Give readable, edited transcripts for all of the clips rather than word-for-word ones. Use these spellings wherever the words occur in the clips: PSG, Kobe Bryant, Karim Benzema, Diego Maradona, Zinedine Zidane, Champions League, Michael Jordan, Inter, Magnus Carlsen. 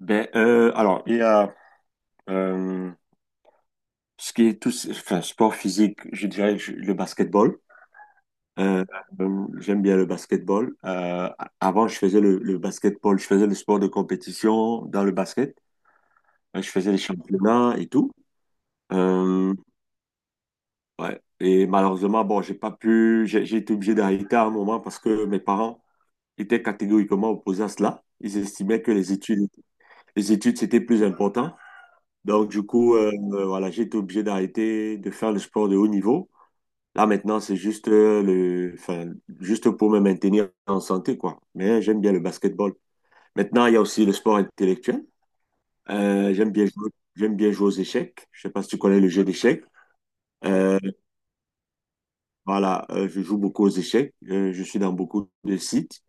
Il y a euh, ce qui est tout, enfin, sport physique, le basketball. Euh, j'aime bien le basketball. Avant, je faisais le basketball, je faisais le sport de compétition dans le basket. Je faisais les championnats et tout. Euh, ouais. Et malheureusement, bon, j'ai pas pu, j'ai été obligé d'arrêter à un moment parce que mes parents étaient catégoriquement opposés à cela. Ils estimaient que les études, c'était plus important. Donc, du coup, voilà, j'ai été obligé d'arrêter de faire le sport de haut niveau. Là, maintenant, c'est juste, juste pour me maintenir en santé, quoi. Mais j'aime bien le basketball. Maintenant, il y a aussi le sport intellectuel. Euh, j'aime bien jouer, j'aime bien jouer aux échecs. Je sais pas si tu connais le jeu d'échecs. Euh, voilà, je joue beaucoup aux échecs. Je suis dans beaucoup de sites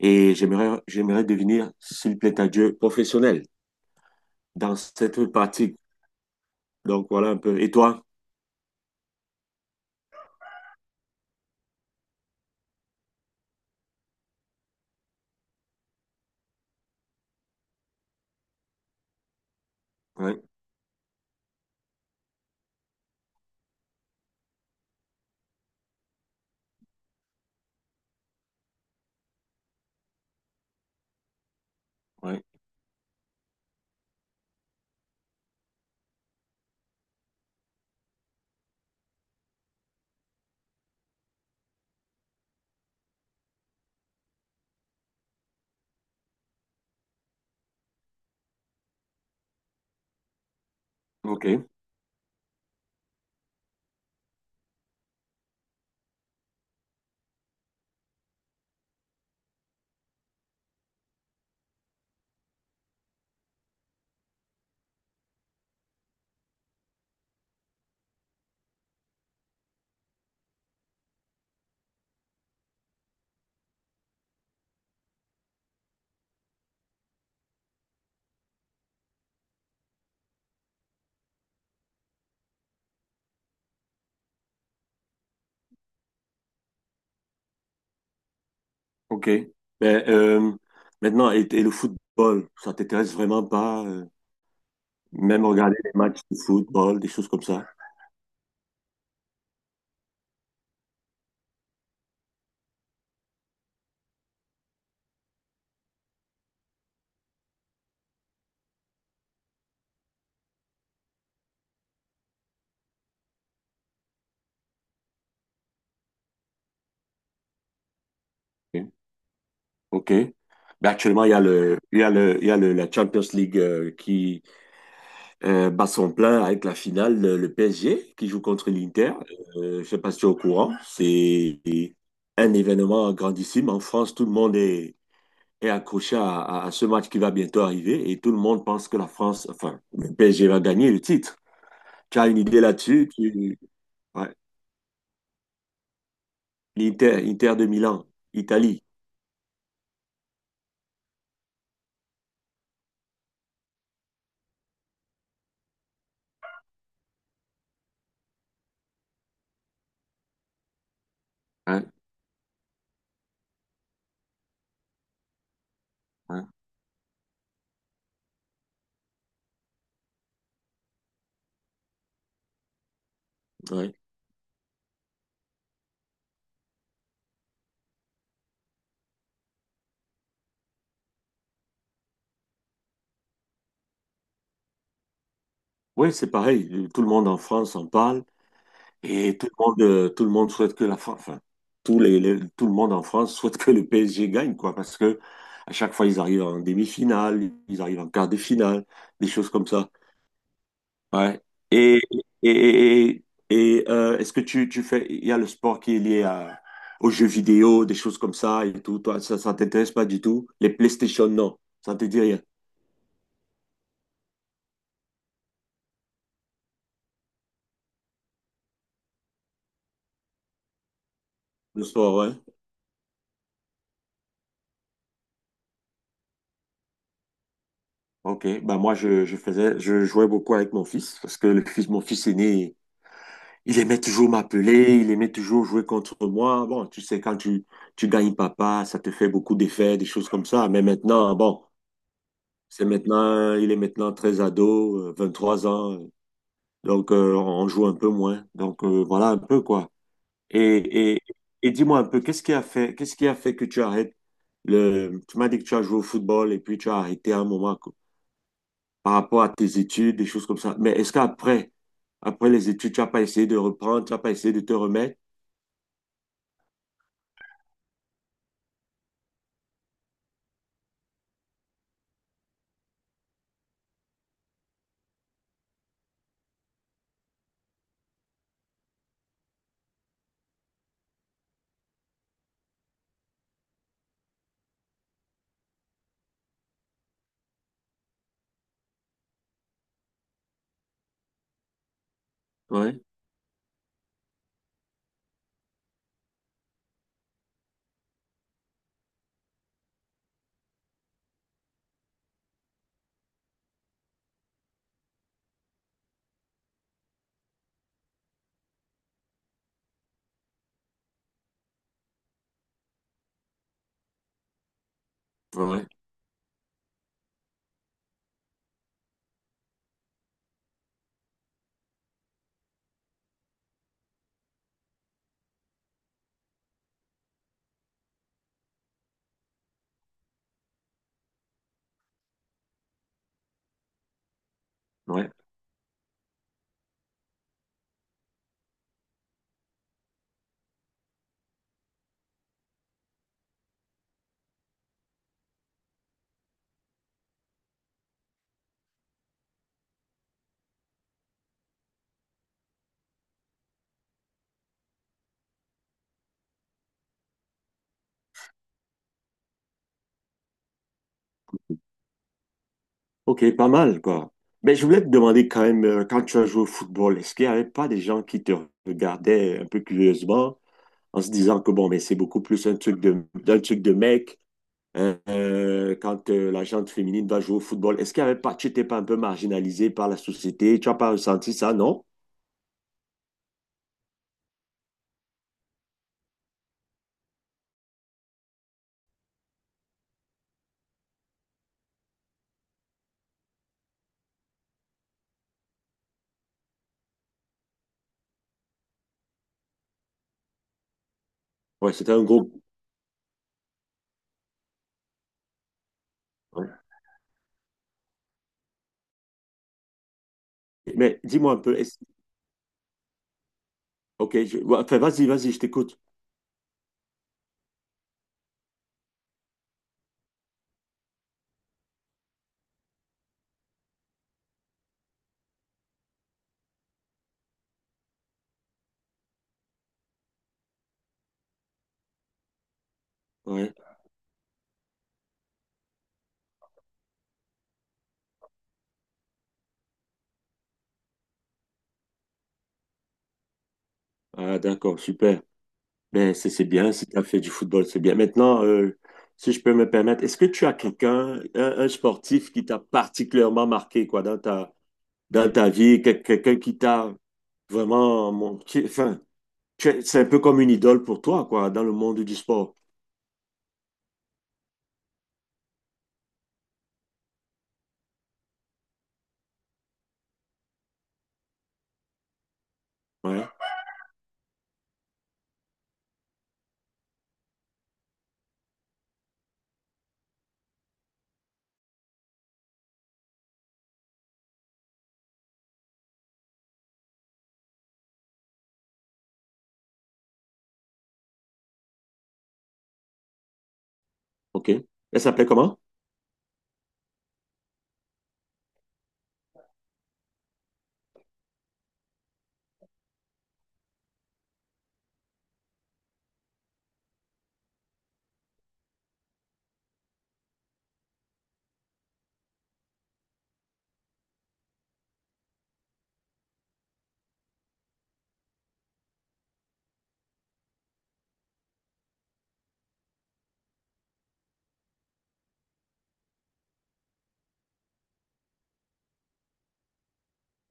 et j'aimerais devenir, s'il plaît à Dieu, professionnel dans cette pratique. Donc, voilà un peu. Et toi? Ouais, ouais. OK. Ok. Mais, maintenant, et le football, ça t'intéresse vraiment pas, même regarder des matchs de football, des choses comme ça? Ok. Ok. Mais actuellement, il y a le, il y a le, il y a le- la Champions League qui bat son plein avec la finale, le PSG qui joue contre l'Inter. Je sais pas si tu es au courant. C'est un événement grandissime. En France, tout le monde est, est accroché à ce match qui va bientôt arriver et tout le monde pense que la France, enfin, le PSG va gagner le titre. Tu as une idée là-dessus? Tu... Ouais. L'Inter, Inter de Milan, Italie. Hein, hein, ouais. Oui, c'est pareil. Tout le monde en France en parle et tout le monde souhaite que la France, enfin, tout le monde en France souhaite que le PSG gagne, quoi, parce que à chaque fois, ils arrivent en demi-finale, ils arrivent en quart de finale, des choses comme ça. Ouais. Et, et, et, et, est-ce que tu fais, il y a le sport qui est lié aux jeux vidéo, des choses comme ça et tout. Toi, ça t'intéresse pas du tout? Les PlayStation, non. Ça te dit rien. Le sport, ouais. Ok. Bah, je faisais, je jouais beaucoup avec mon fils parce que le fils, mon fils aîné, il aimait toujours m'appeler, il aimait toujours jouer contre moi. Bon, tu sais, tu gagnes papa, ça te fait beaucoup d'effets, des choses comme ça. Mais maintenant, bon, c'est maintenant, il est maintenant très ado, trois ans. Donc, on joue un peu moins. Donc, voilà un peu quoi. Et, et, et dis-moi un peu, qu'est-ce qui a fait que tu arrêtes le... Tu m'as dit que tu as joué au football et puis tu as arrêté à un moment quoi, par rapport à tes études, des choses comme ça. Mais est-ce qu'après, après les études, tu n'as pas essayé de reprendre, tu n'as pas essayé de te remettre? Ouais, ouais, ouais. Ok, pas mal quoi. Mais je voulais te demander quand même, quand tu as joué au football, est-ce qu'il n'y avait pas des gens qui te regardaient un peu curieusement en se disant que bon, mais c'est beaucoup plus un truc de, d'un truc de mec? Quand la gente féminine va jouer au football, est-ce qu'il y avait pas, tu n'étais pas un peu marginalisé par la société? Tu n'as pas ressenti ça, non? Ouais, c'était un groupe. Ouais. Mais dis-moi un peu, est-ce- ok, ouais, enfin, vas-y, vas-y, je t'écoute. Ouais. Ah, d'accord, super. Mais c'est bien, si tu as fait du football, c'est bien. Maintenant, si je peux me permettre, est-ce que tu as quelqu'un, un sportif qui t'a particulièrement marqué, quoi, dans ta vie, quelqu'un qui t'a vraiment, enfin, c'est un peu comme une idole pour toi, quoi, dans le monde du sport. Ouais, ok. Elle s'appelait comment?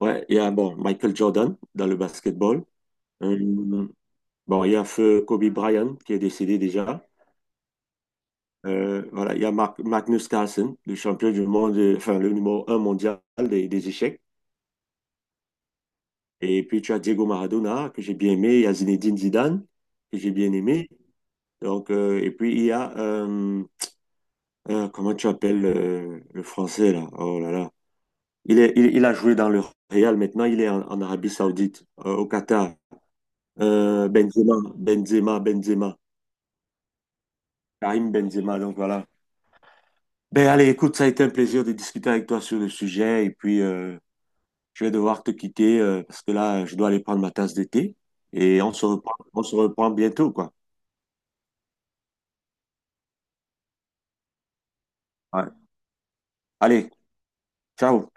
Ouais, il y a bon, Michael Jordan dans le basketball. Euh, bon, il y a feu Kobe Bryant qui est décédé déjà. Voilà, il y a Magnus Carlsen, le champion du monde, enfin le numéro un mondial des échecs. Et puis tu as Diego Maradona que j'ai bien aimé, il y a Zinedine Zidane que j'ai bien aimé. Et puis il y a comment tu appelles le français là? Oh là là. Il a joué dans le Real, maintenant il est en, en Arabie Saoudite, au Qatar. Benzema, Karim Benzema, donc voilà. Ben allez, écoute, ça a été un plaisir de discuter avec toi sur le sujet et puis je vais devoir te quitter parce que là, je dois aller prendre ma tasse de thé et on se reprend bientôt, quoi. Ouais. Allez, ciao.